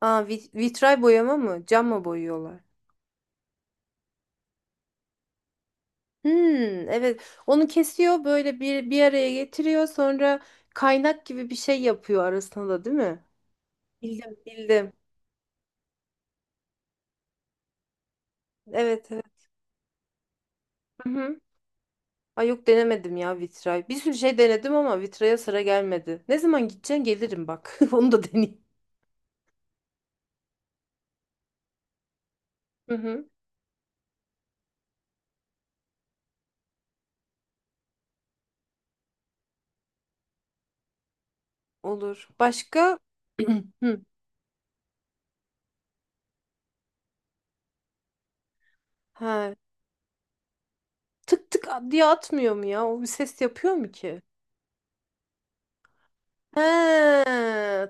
Aa, vitray boyama mı? Cam mı boyuyorlar? Hmm, evet. Onu kesiyor böyle bir araya getiriyor sonra kaynak gibi bir şey yapıyor arasında da değil mi? Bildim, bildim. Evet, evet. Hı hı. Ay yok denemedim ya vitray. Bir sürü şey denedim ama vitraya sıra gelmedi. Ne zaman gideceksin gelirim bak. Onu da deneyeyim. Hı hı. Olur. Başka? Hı. Ha. Tık tık diye atmıyor mu ya? O bir ses yapıyor mu ki? He,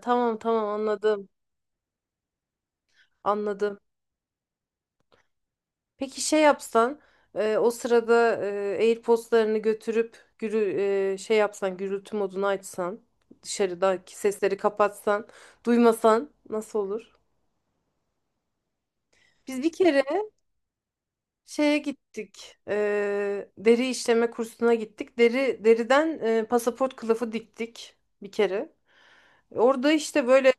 tamam tamam anladım. Anladım. Peki şey yapsan o sırada AirPods'larını götürüp şey yapsan gürültü modunu açsan dışarıdaki sesleri kapatsan duymasan nasıl olur? Biz bir kere şeye gittik, deri işleme kursuna gittik, deriden pasaport kılıfı diktik bir kere. Orada işte böyle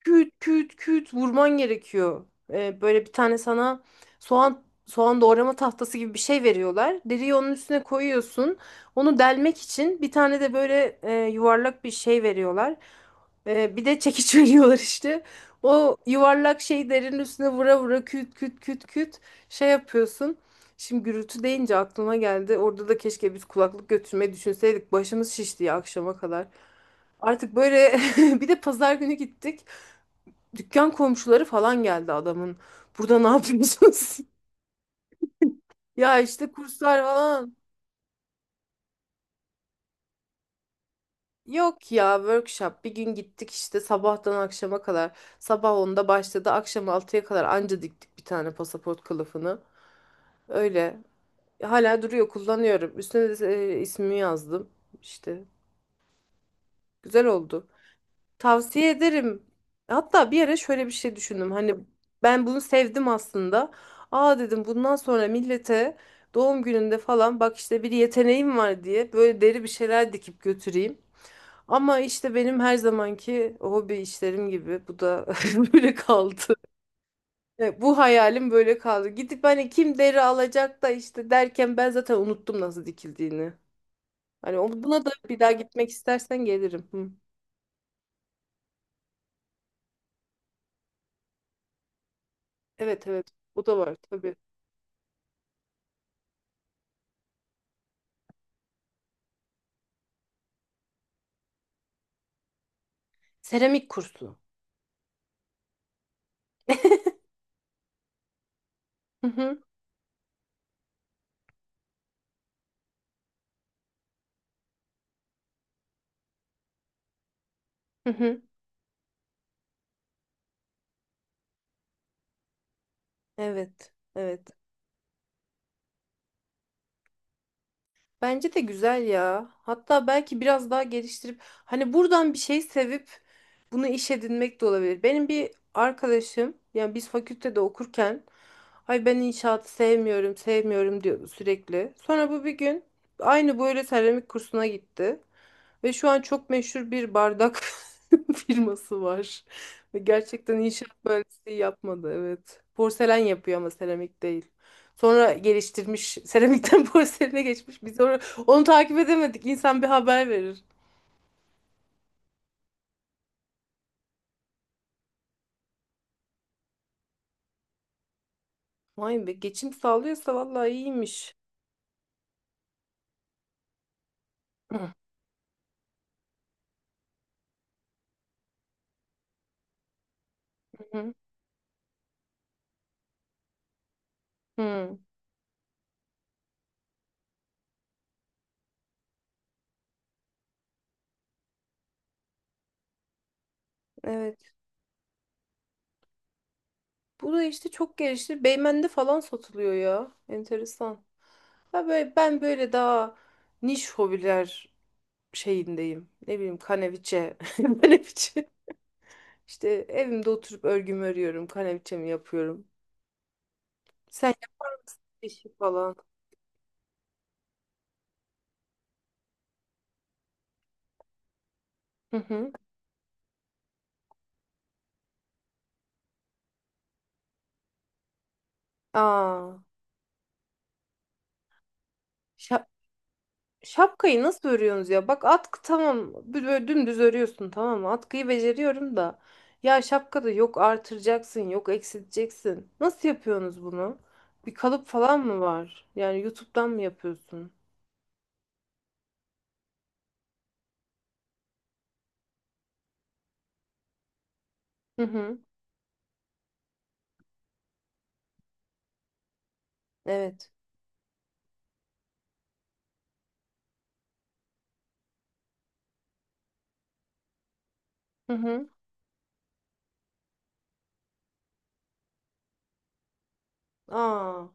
küt küt küt vurman gerekiyor. Böyle bir tane sana soğan doğrama tahtası gibi bir şey veriyorlar. Deriyi onun üstüne koyuyorsun. Onu delmek için bir tane de böyle yuvarlak bir şey veriyorlar. Bir de çekiç veriyorlar işte. O yuvarlak şey derinin üstüne vura vura küt küt küt küt şey yapıyorsun. Şimdi gürültü deyince aklıma geldi. Orada da keşke biz kulaklık götürmeyi düşünseydik. Başımız şişti ya akşama kadar. Artık böyle bir de pazar günü gittik. Dükkan komşuları falan geldi adamın. Burada ne yapıyorsunuz? Ya işte kurslar falan. Yok ya workshop. Bir gün gittik işte sabahtan akşama kadar. Sabah 10'da başladı. Akşam 6'ya kadar anca diktik bir tane pasaport kılıfını. Öyle. Hala duruyor kullanıyorum. Üstüne de ismimi yazdım. İşte güzel oldu. Tavsiye ederim. Hatta bir ara şöyle bir şey düşündüm. Hani ben bunu sevdim aslında. Aa dedim bundan sonra millete doğum gününde falan bak işte bir yeteneğim var diye böyle deri bir şeyler dikip götüreyim. Ama işte benim her zamanki hobi işlerim gibi bu da böyle kaldı. Bu hayalim böyle kaldı. Gidip hani kim deri alacak da işte derken ben zaten unuttum nasıl dikildiğini. Hani buna da bir daha gitmek istersen gelirim. Hı. Evet evet o da var tabii. Seramik kursu. Hı hı. Hı hı. Evet. Evet. Bence de güzel ya. Hatta belki biraz daha geliştirip hani buradan bir şey sevip bunu iş edinmek de olabilir. Benim bir arkadaşım yani biz fakültede okurken ay ben inşaatı sevmiyorum sevmiyorum diyordu sürekli. Sonra bu bir gün aynı böyle seramik kursuna gitti. Ve şu an çok meşhur bir bardak firması var. Ve gerçekten inşaat mühendisliği yapmadı evet. Porselen yapıyor ama seramik değil. Sonra geliştirmiş seramikten porseline geçmiş. Biz onu takip edemedik. İnsan bir haber verir. Vay be geçim sağlıyorsa vallahi iyiymiş. Hı hı. Hı. Evet. Bu da işte çok gelişti. Beymen'de falan satılıyor ya. Enteresan. Ha böyle, ben böyle daha niş hobiler şeyindeyim. Ne bileyim kaneviçe. Kaneviçe. İşte evimde oturup örgümü örüyorum. Kaneviçemi yapıyorum. Sen yap işi falan. Hı hı. Aa. Şapkayı nasıl örüyorsunuz ya? Bak atkı tamam. Böyle dümdüz örüyorsun tamam mı? Atkıyı beceriyorum da. Ya şapkada yok artıracaksın, yok eksilteceksin. Nasıl yapıyorsunuz bunu? Bir kalıp falan mı var? Yani YouTube'dan mı yapıyorsun? Hı hı. Evet. Hı hı. Aa.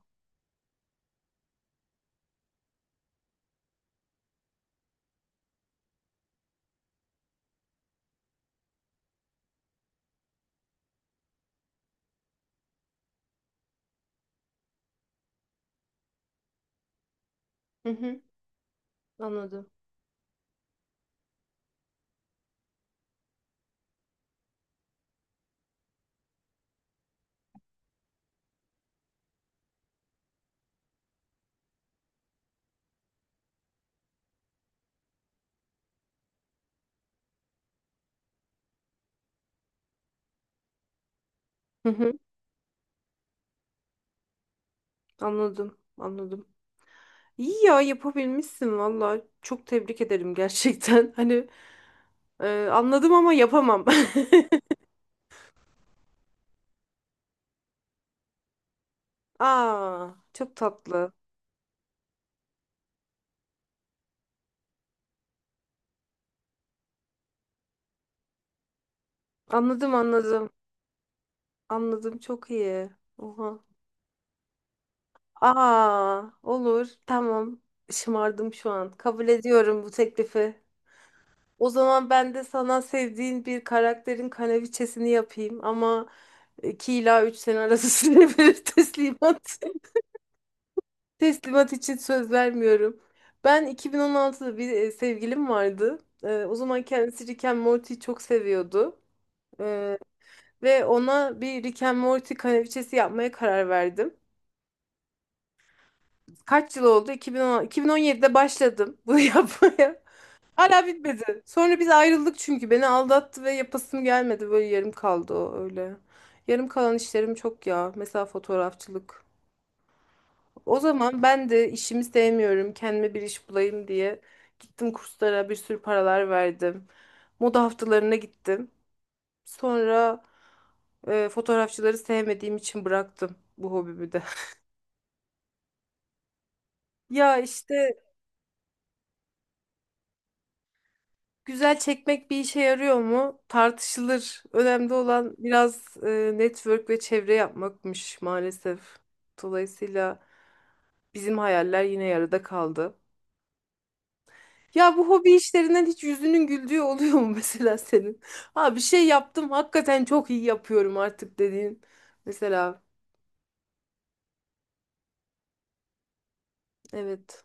Hı hı. Anladım. Hı hı. Anladım. Anladım. İyi ya yapabilmişsin valla. Çok tebrik ederim gerçekten. Hani anladım ama yapamam. Aa, çok tatlı. Anladım anladım. Anladım çok iyi. Oha. Aa, olur. Tamam. Şımardım şu an. Kabul ediyorum bu teklifi. O zaman ben de sana sevdiğin bir karakterin kanaviçesini yapayım ama 2 ila 3 sene arası süre verir teslimat. Teslimat için söz vermiyorum. Ben 2016'da bir sevgilim vardı. O zaman kendisi Rick and Morty'yi çok seviyordu. E, Ve ona bir Rick and Morty kanaviçesi yapmaya karar verdim. Kaç yıl oldu? 2010, 2017'de başladım bunu yapmaya. Hala bitmedi. Sonra biz ayrıldık çünkü beni aldattı ve yapasım gelmedi. Böyle yarım kaldı o öyle. Yarım kalan işlerim çok ya. Mesela fotoğrafçılık. O zaman ben de işimi sevmiyorum. Kendime bir iş bulayım diye gittim kurslara bir sürü paralar verdim. Moda haftalarına gittim. Sonra fotoğrafçıları sevmediğim için bıraktım bu hobimi de. Ya işte. Güzel çekmek bir işe yarıyor mu? Tartışılır. Önemli olan biraz network ve çevre yapmakmış maalesef. Dolayısıyla bizim hayaller yine yarıda kaldı. Ya bu hobi işlerinden hiç yüzünün güldüğü oluyor mu mesela senin? Ha bir şey yaptım hakikaten çok iyi yapıyorum artık dediğin. Mesela evet.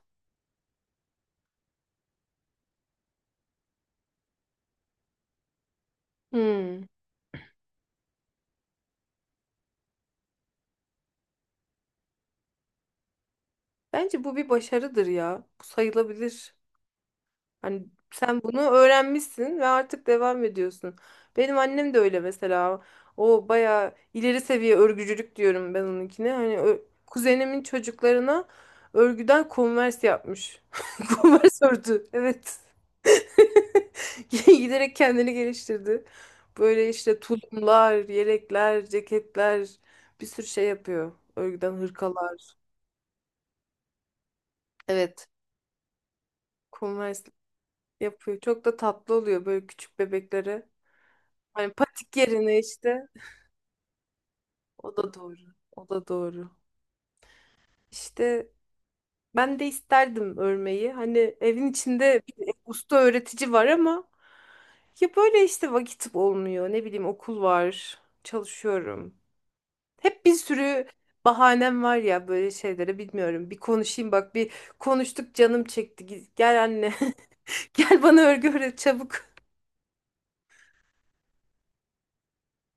Hmm. Bence bu bir başarıdır ya. Bu sayılabilir. Hani sen bunu öğrenmişsin ve artık devam ediyorsun. Benim annem de öyle mesela. O bayağı ileri seviye örgücülük diyorum ben onunkine. Hani kuzenimin çocuklarına örgüden konvers yapmış. Konvers ördü. Evet. Giderek kendini geliştirdi. Böyle işte tulumlar, yelekler, ceketler bir sürü şey yapıyor. Örgüden hırkalar. Evet. Konvers yapıyor. Çok da tatlı oluyor böyle küçük bebeklere. Yani patik yerine işte. O da doğru. O da doğru. İşte ben de isterdim örmeyi. Hani evin içinde bir usta öğretici var ama ya böyle işte vakit olmuyor. Ne bileyim okul var. Çalışıyorum. Hep bir sürü bahanem var ya böyle şeylere bilmiyorum. Bir konuşayım bak bir konuştuk canım çekti. Gel anne. Gel bana örgü öğret çabuk.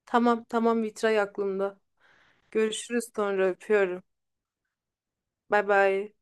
Tamam tamam vitray aklımda. Görüşürüz sonra öpüyorum. Bay bay.